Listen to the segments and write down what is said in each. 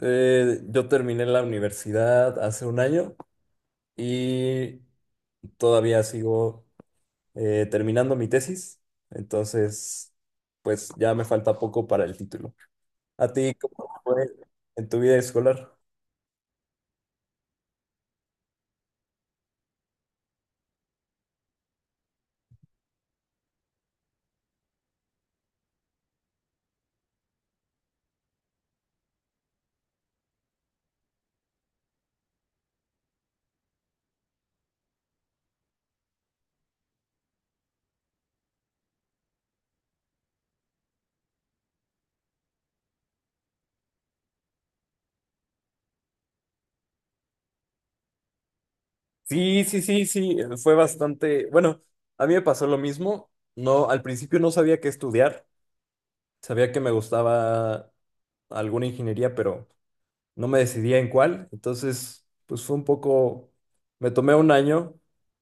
Yo terminé la universidad hace un año y todavía sigo terminando mi tesis. Entonces pues ya me falta poco para el título. ¿A ti cómo fue en tu vida escolar? Sí, sí, sí, sí, fue bastante, bueno, a mí me pasó lo mismo. No, al principio no sabía qué estudiar, sabía que me gustaba alguna ingeniería, pero no me decidía en cuál, entonces pues fue un poco, me tomé un año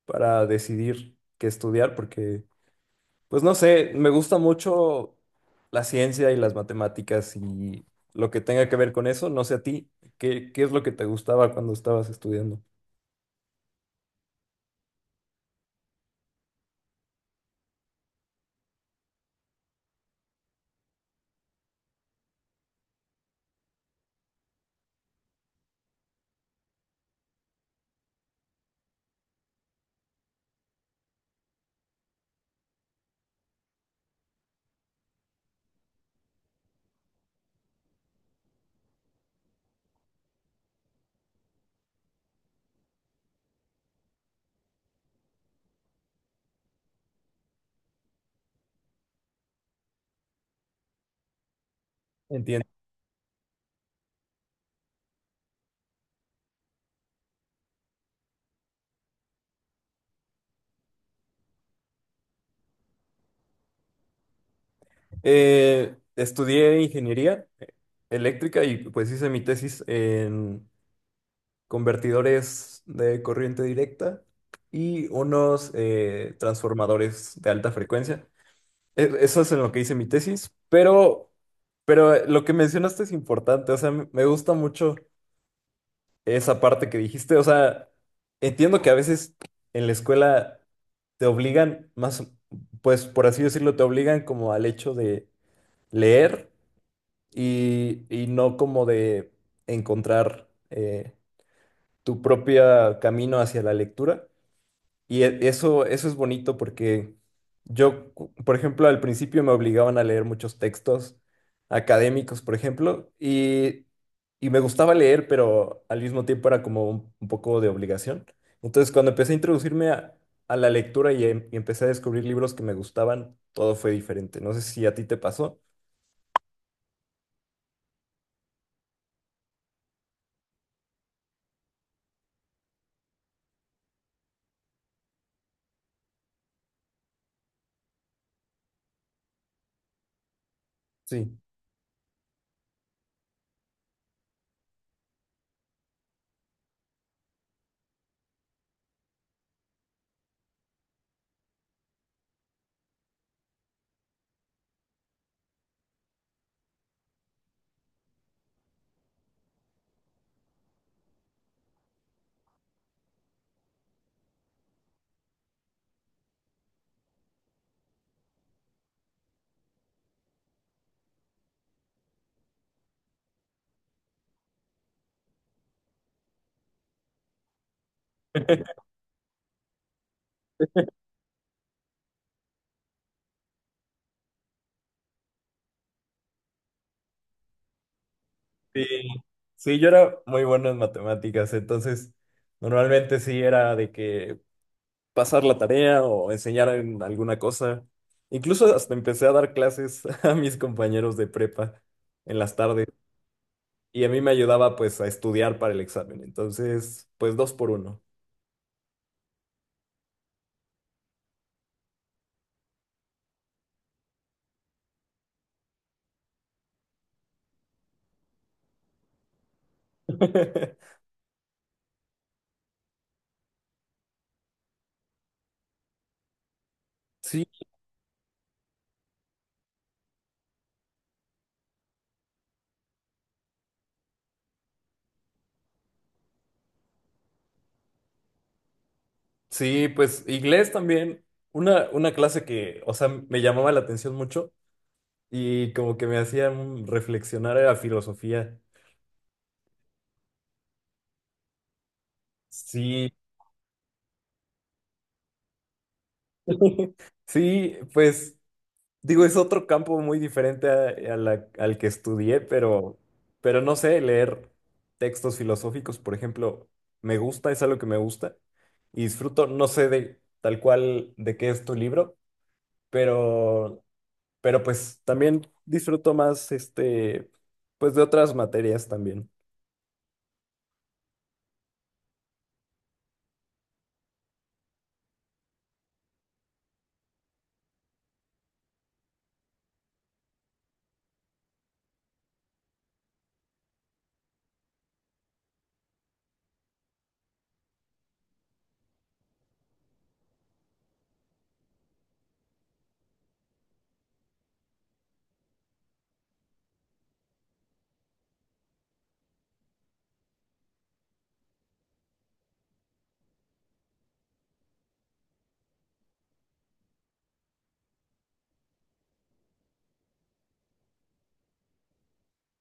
para decidir qué estudiar, porque pues no sé, me gusta mucho la ciencia y las matemáticas y lo que tenga que ver con eso. No sé a ti, ¿qué es lo que te gustaba cuando estabas estudiando? Entiendo. Estudié ingeniería eléctrica y pues hice mi tesis, convertidores de corriente directa y unos transformadores de alta frecuencia. Eso es en lo que hice mi tesis, pero lo que mencionaste es importante. O sea, me gusta mucho esa parte que dijiste. O sea, entiendo que a veces en la escuela te obligan, más, pues por así decirlo, te obligan como al hecho de leer, y no como de encontrar tu propio camino hacia la lectura. Y eso, eso es bonito porque yo, por ejemplo, al principio me obligaban a leer muchos textos académicos, por ejemplo, y me gustaba leer, pero al mismo tiempo era como un poco de obligación. Entonces, cuando empecé a introducirme a la lectura, y, y empecé a descubrir libros que me gustaban, todo fue diferente. No sé si a ti te pasó. Sí. Sí, sí, yo era muy bueno en matemáticas, entonces normalmente sí era de que pasar la tarea o enseñar en alguna cosa. Incluso hasta empecé a dar clases a mis compañeros de prepa en las tardes, y a mí me ayudaba pues a estudiar para el examen. Entonces pues dos por uno. Sí, sí, pues inglés también. Una clase que, o sea, me llamaba la atención mucho y como que me hacía reflexionar, a filosofía. Sí, sí, pues. Digo, es otro campo muy diferente al que estudié, pero, no sé, leer textos filosóficos, por ejemplo, me gusta, es algo que me gusta y disfruto. No sé de tal cual de qué es tu libro, pero, pues también disfruto más este, pues de otras materias también.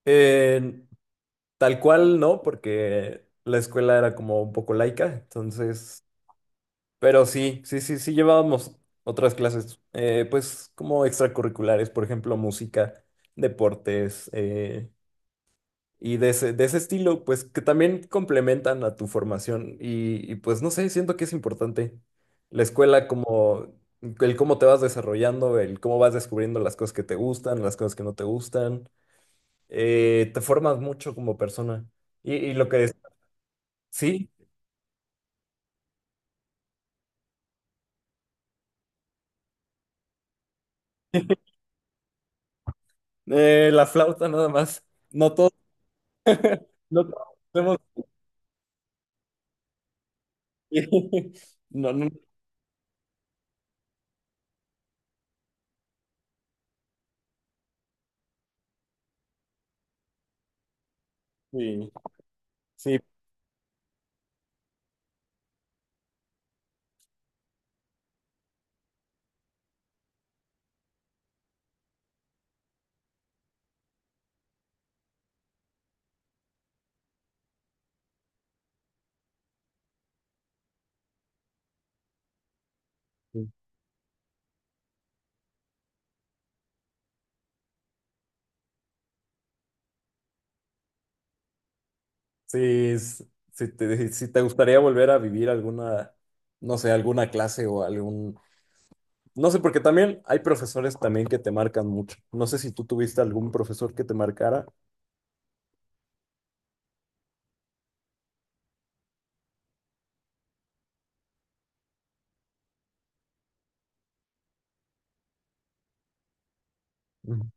Eh, Tal cual no, porque la escuela era como un poco laica, entonces. Pero sí, sí, sí, sí llevábamos otras clases, pues como extracurriculares, por ejemplo, música, deportes, y de ese estilo, pues que también complementan a tu formación. Pues no sé, siento que es importante la escuela, como el cómo te vas desarrollando, el cómo vas descubriendo las cosas que te gustan, las cosas que no te gustan. Te formas mucho como persona. Y lo que es, sí, la flauta nada más, no todos, no todos. No, no, sí, sí, sí, s- si te, si te gustaría volver a vivir alguna, no sé, alguna clase o algún, no sé, porque también hay profesores también que te marcan mucho. No sé si tú tuviste algún profesor que te marcara. Ujú.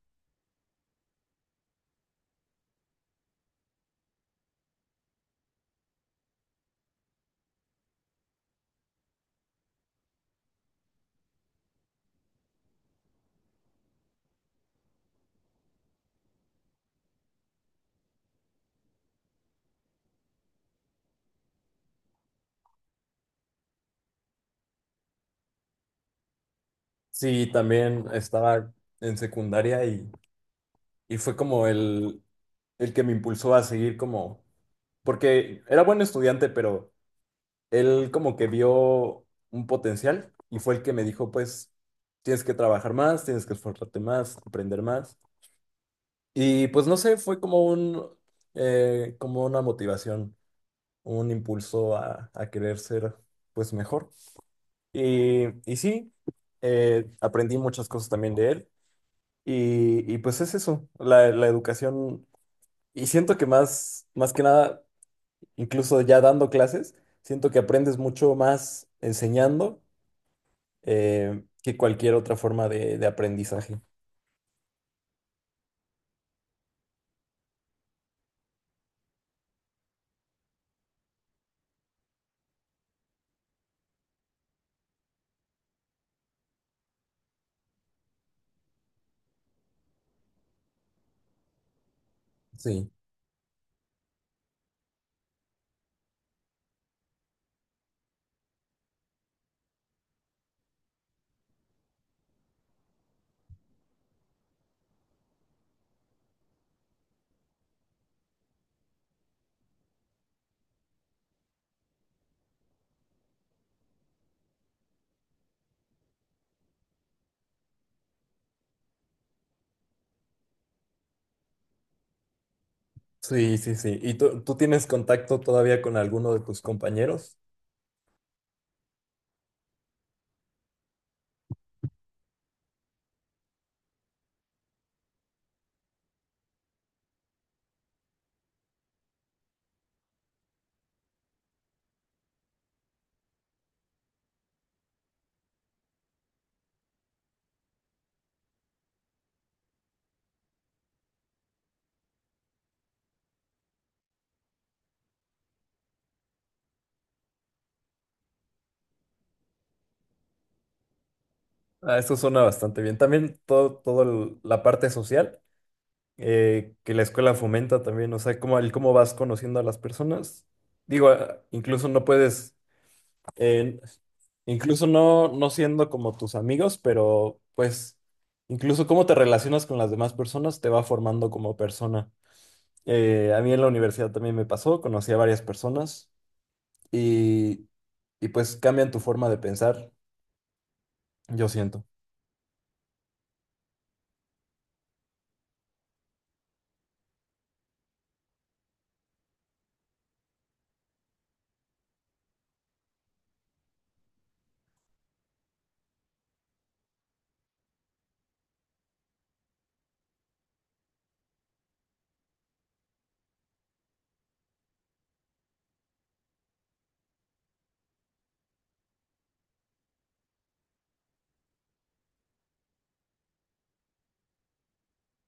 Sí, también estaba en secundaria, y fue como el que me impulsó a seguir, como, porque era buen estudiante, pero él como que vio un potencial y fue el que me dijo, pues, tienes que trabajar más, tienes que esforzarte más, aprender más. Y pues no sé, fue como un, como una motivación, un impulso a querer ser, pues, mejor. Y, y sí, aprendí muchas cosas también de él. Y pues es eso, la educación. Y siento que más, más que nada, incluso ya dando clases, siento que aprendes mucho más enseñando, que cualquier otra forma de aprendizaje. Sí, sí, sí, sí. ¿Y tú tienes contacto todavía con alguno de tus compañeros? Ah, eso suena bastante bien. También todo, la parte social, que la escuela fomenta también. O sea, cómo, el cómo vas conociendo a las personas. Digo, ah, incluso no puedes, eh, incluso no, no siendo como tus amigos, pero pues incluso cómo te relacionas con las demás personas te va formando como persona. A mí en la universidad también me pasó, conocí a varias personas, y, y pues cambian tu forma de pensar, yo siento.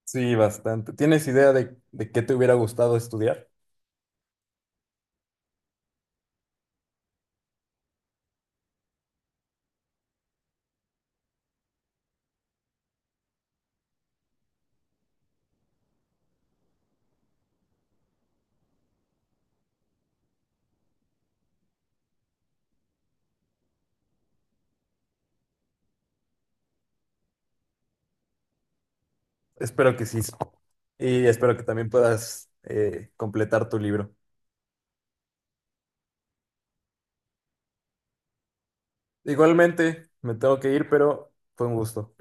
Sí, bastante. ¿Tienes idea de qué te hubiera gustado estudiar? Espero que sí. Y espero que también puedas completar tu libro. Igualmente, me tengo que ir, pero fue un gusto.